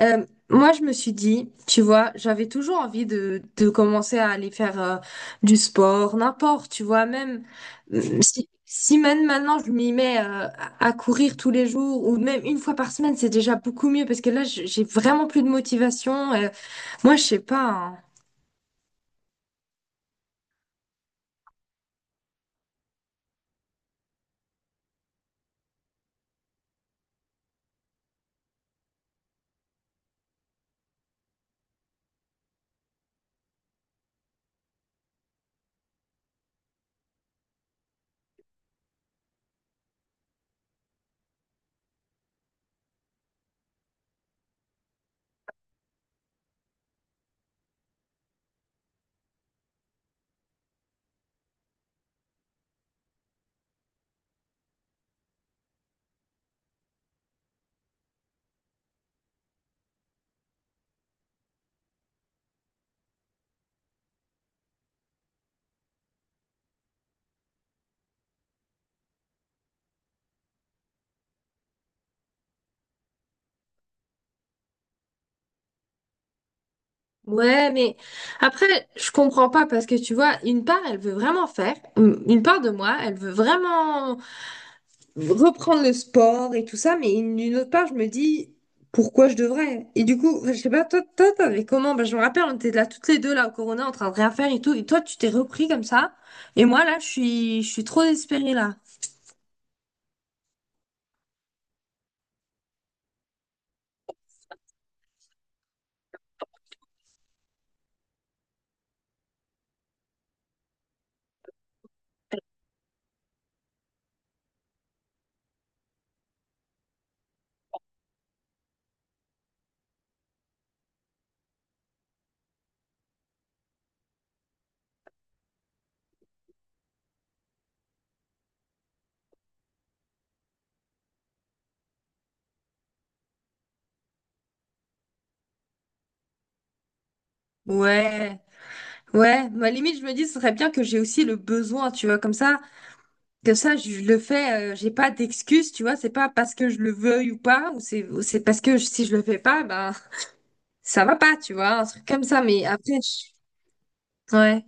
Euh, Moi, je me suis dit, tu vois, j'avais toujours envie de commencer à aller faire du sport, n'importe, tu vois, même si même maintenant je m'y mets à courir tous les jours ou même une fois par semaine, c'est déjà beaucoup mieux parce que là, j'ai vraiment plus de motivation. Moi, je sais pas, hein. Ouais, mais après, je comprends pas parce que tu vois, une part, elle veut vraiment faire, une part de moi, elle veut vraiment reprendre le sport et tout ça, mais d'une autre part, je me dis pourquoi je devrais? Et du coup, je sais pas, toi, t'avais comment? Ben je me rappelle, on était là toutes les deux là au Corona en train de rien faire et tout, et toi, tu t'es repris comme ça, et moi là, je suis trop désespérée là. Ouais, ouais, ma limite, je me dis, ce serait bien que j'ai aussi le besoin, tu vois, comme ça, que ça, je le fais, j'ai pas d'excuse, tu vois, c'est pas parce que je le veuille ou pas, ou c'est parce que si je le fais pas, ben, ça va pas, tu vois, un truc comme ça, mais après, ouais.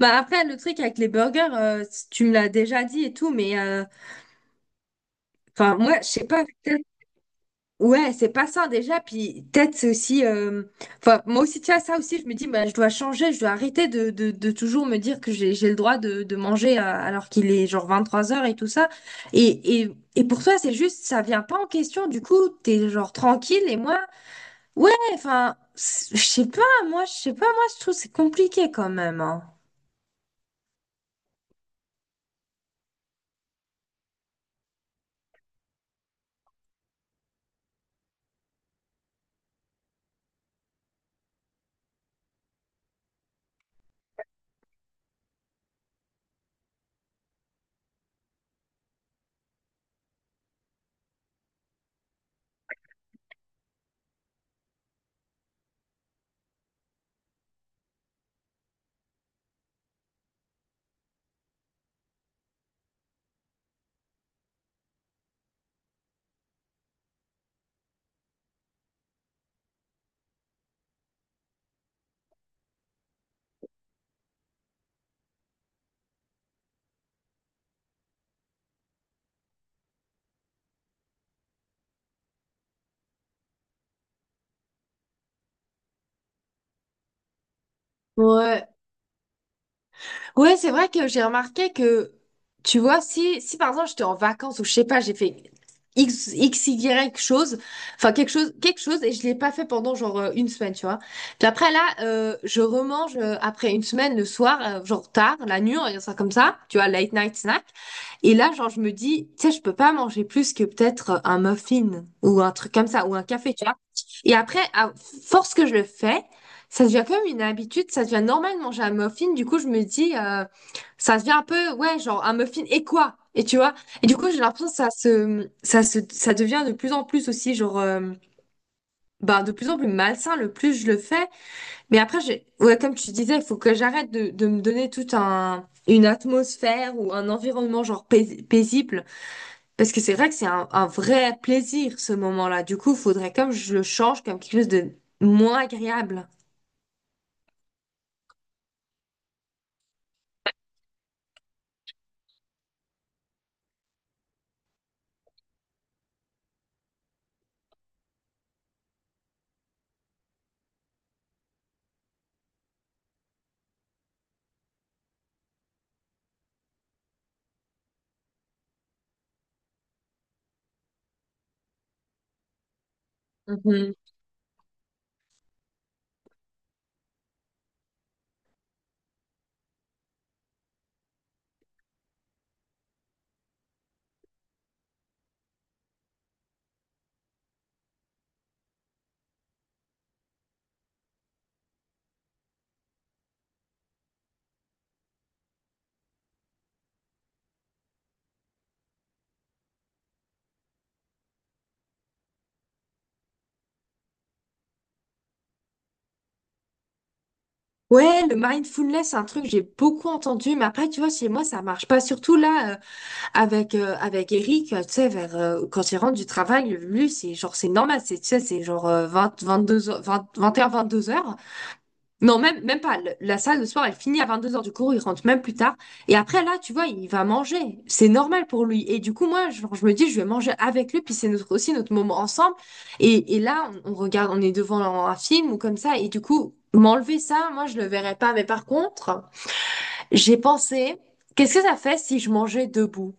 Bah après, le truc avec les burgers, si tu me l'as déjà dit et tout, mais enfin, moi, je sais pas, peut-être, ouais, c'est pas ça déjà, puis peut-être c'est aussi, enfin, moi aussi, tu vois, ça aussi, je me dis, bah, je dois changer, je dois arrêter de toujours me dire que j'ai le droit de manger alors qu'il est genre 23 h et tout ça. Et, et, et pour toi, c'est juste, ça vient pas en question, du coup, t'es genre tranquille, et moi, ouais, enfin, je sais pas, moi, je sais pas, moi, je trouve que c'est compliqué quand même, hein. Ouais, ouais, c'est vrai que j'ai remarqué que, tu vois, si par exemple j'étais en vacances ou je sais pas, j'ai fait X, X, Y chose, enfin quelque chose, et je l'ai pas fait pendant genre une semaine, tu vois. Puis après là, je remange après une semaine le soir, genre tard, la nuit, on va dire ça comme ça, tu vois, late night snack. Et là, genre, je me dis, tu sais, je peux pas manger plus que peut-être un muffin ou un truc comme ça, ou un café, tu vois. Et après, à force que je le fais, ça devient comme une habitude, ça devient normal de manger un muffin. Du coup, je me dis, ça devient un peu, ouais, genre un muffin et quoi? Et tu vois? Et du coup, j'ai l'impression que ça devient de plus en plus aussi, genre, bah, de plus en plus malsain le plus je le fais. Mais après, j'ai, ouais, comme tu disais, il faut que j'arrête de me donner toute une atmosphère ou un environnement, genre, paisible. Parce que c'est vrai que c'est un vrai plaisir, ce moment-là. Du coup, faudrait comme je le change, comme quelque chose de moins agréable. Ouais, le mindfulness, c'est un truc que j'ai beaucoup entendu, mais après, tu vois, chez moi, ça marche pas. Surtout là, avec Eric, tu sais, vers quand il rentre du travail, lui, c'est genre c'est normal, c'est tu sais, c'est genre vingt 22 heures, 20, 22 h. Non, même, même pas. La salle de sport, elle finit à 22 h du cours, il rentre même plus tard. Et après, là, tu vois, il va manger. C'est normal pour lui. Et du coup, moi, genre, je me dis, je vais manger avec lui, puis c'est notre, aussi notre moment ensemble. Et là, on regarde, on est devant un film ou comme ça. Et du coup, m'enlever ça, moi, je le verrais pas. Mais par contre, j'ai pensé, qu'est-ce que ça fait si je mangeais debout?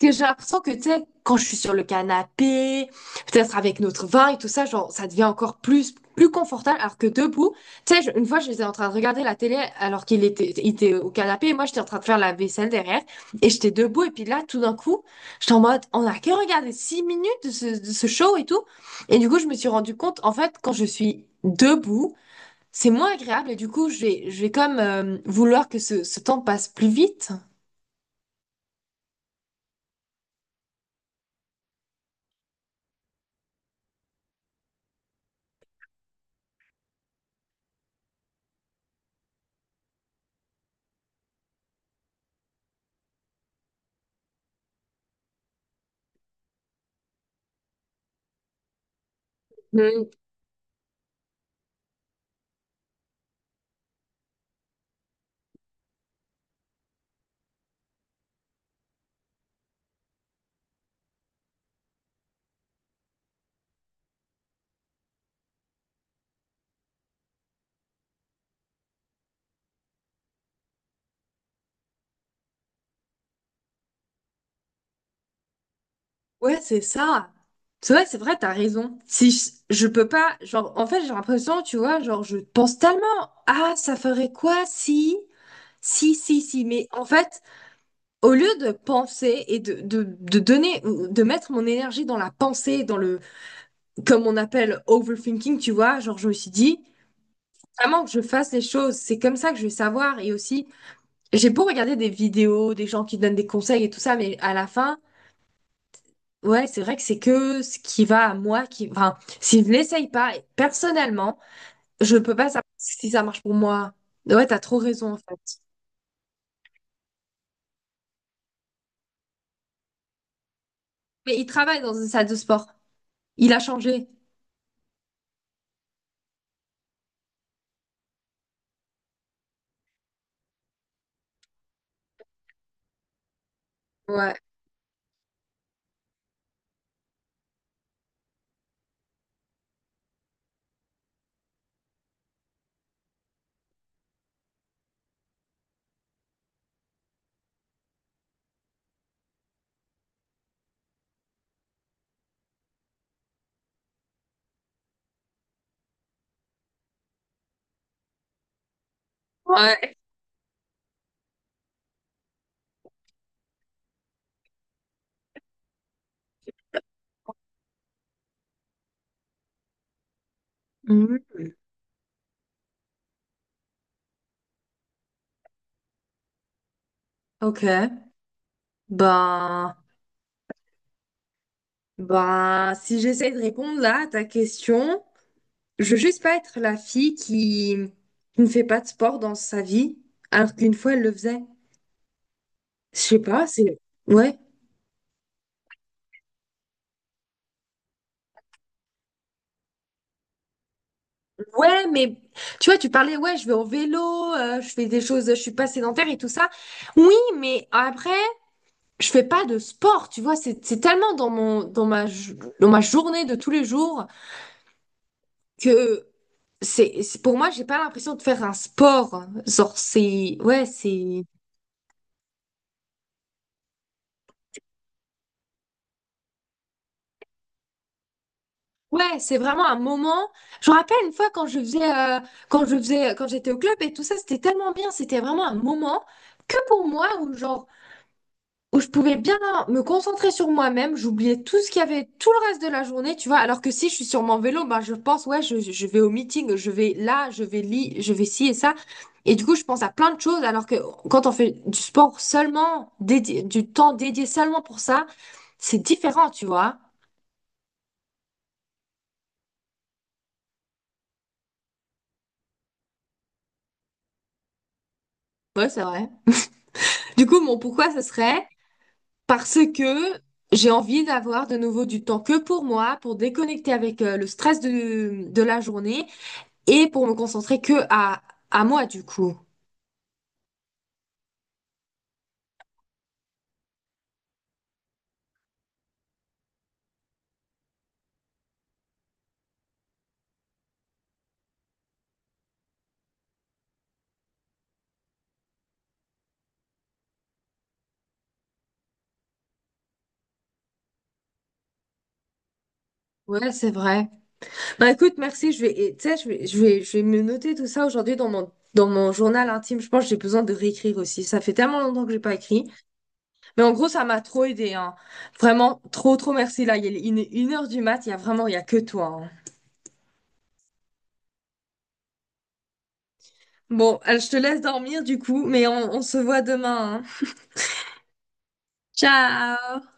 Que j'ai l'impression que, tu sais, quand je suis sur le canapé, peut-être avec notre vin et tout ça, genre, ça devient encore plus, plus confortable, alors que debout, tu sais, une fois, j'étais en train de regarder la télé alors qu'il était au canapé et moi, j'étais en train de faire la vaisselle derrière et j'étais debout et puis là, tout d'un coup, j'étais en mode, on a que regardé 6 minutes de ce show et tout. Et du coup, je me suis rendu compte, en fait, quand je suis debout, c'est moins agréable et du coup, je vais comme vouloir que ce temps passe plus vite. Ouais, c'est ça. C'est vrai, t'as raison. Si je peux pas, genre, en fait, j'ai l'impression, tu vois, genre, je pense tellement, ah, ça ferait quoi si, mais en fait, au lieu de penser et de donner, de mettre mon énergie dans la pensée, dans le, comme on appelle overthinking, tu vois, genre, je me suis dit, vraiment que je fasse les choses, c'est comme ça que je vais savoir. Et aussi, j'ai beau regarder des vidéos, des gens qui donnent des conseils et tout ça, mais à la fin, ouais, c'est vrai que c'est que ce qui va à moi qui. Enfin, si je l'essaye pas, personnellement, je peux pas savoir si ça marche pour moi. Ouais, t'as trop raison en fait. Mais il travaille dans une salle de sport. Il a changé. Ouais. Ouais. Mhm. Ok. Ben. Ben, si j'essaie de répondre là à ta question, je veux juste pas être la fille qui ne fait pas de sport dans sa vie, alors qu'une fois elle le faisait. Je sais pas, c'est. Ouais. Ouais, mais tu vois, tu parlais, ouais, je vais en vélo, je fais des choses, je suis pas sédentaire et tout ça. Oui, mais après, je fais pas de sport, tu vois, c'est tellement dans mon dans ma jo- dans ma journée de tous les jours que pour moi, j'ai pas l'impression de faire un sport. Genre c'est ouais, c'est ouais, c'est vraiment un moment. Je me rappelle une fois quand je faisais quand je faisais quand j'étais au club et tout ça, c'était tellement bien, c'était vraiment un moment que pour moi où genre où je pouvais bien me concentrer sur moi-même, j'oubliais tout ce qu'il y avait, tout le reste de la journée, tu vois, alors que si je suis sur mon vélo, ben je pense, ouais, je vais au meeting, je vais là, je vais ci et ça. Et du coup, je pense à plein de choses, alors que quand on fait du sport seulement, dédié, du temps dédié seulement pour ça, c'est différent, tu vois. Ouais, c'est vrai. Du coup, mon pourquoi ce serait parce que j'ai envie d'avoir de nouveau du temps que pour moi, pour déconnecter avec le stress de la journée et pour me concentrer que à moi, du coup. Ouais, c'est vrai. Bah écoute, merci. Et, tu sais, je vais me noter tout ça aujourd'hui dans mon journal intime. Je pense que j'ai besoin de réécrire aussi. Ça fait tellement longtemps que j'ai pas écrit. Mais en gros, ça m'a trop aidé, hein. Vraiment, trop, trop merci. Là, il est une heure du mat. Il y a que toi, hein. Bon, je te laisse dormir du coup, mais on se voit demain, hein. Ciao!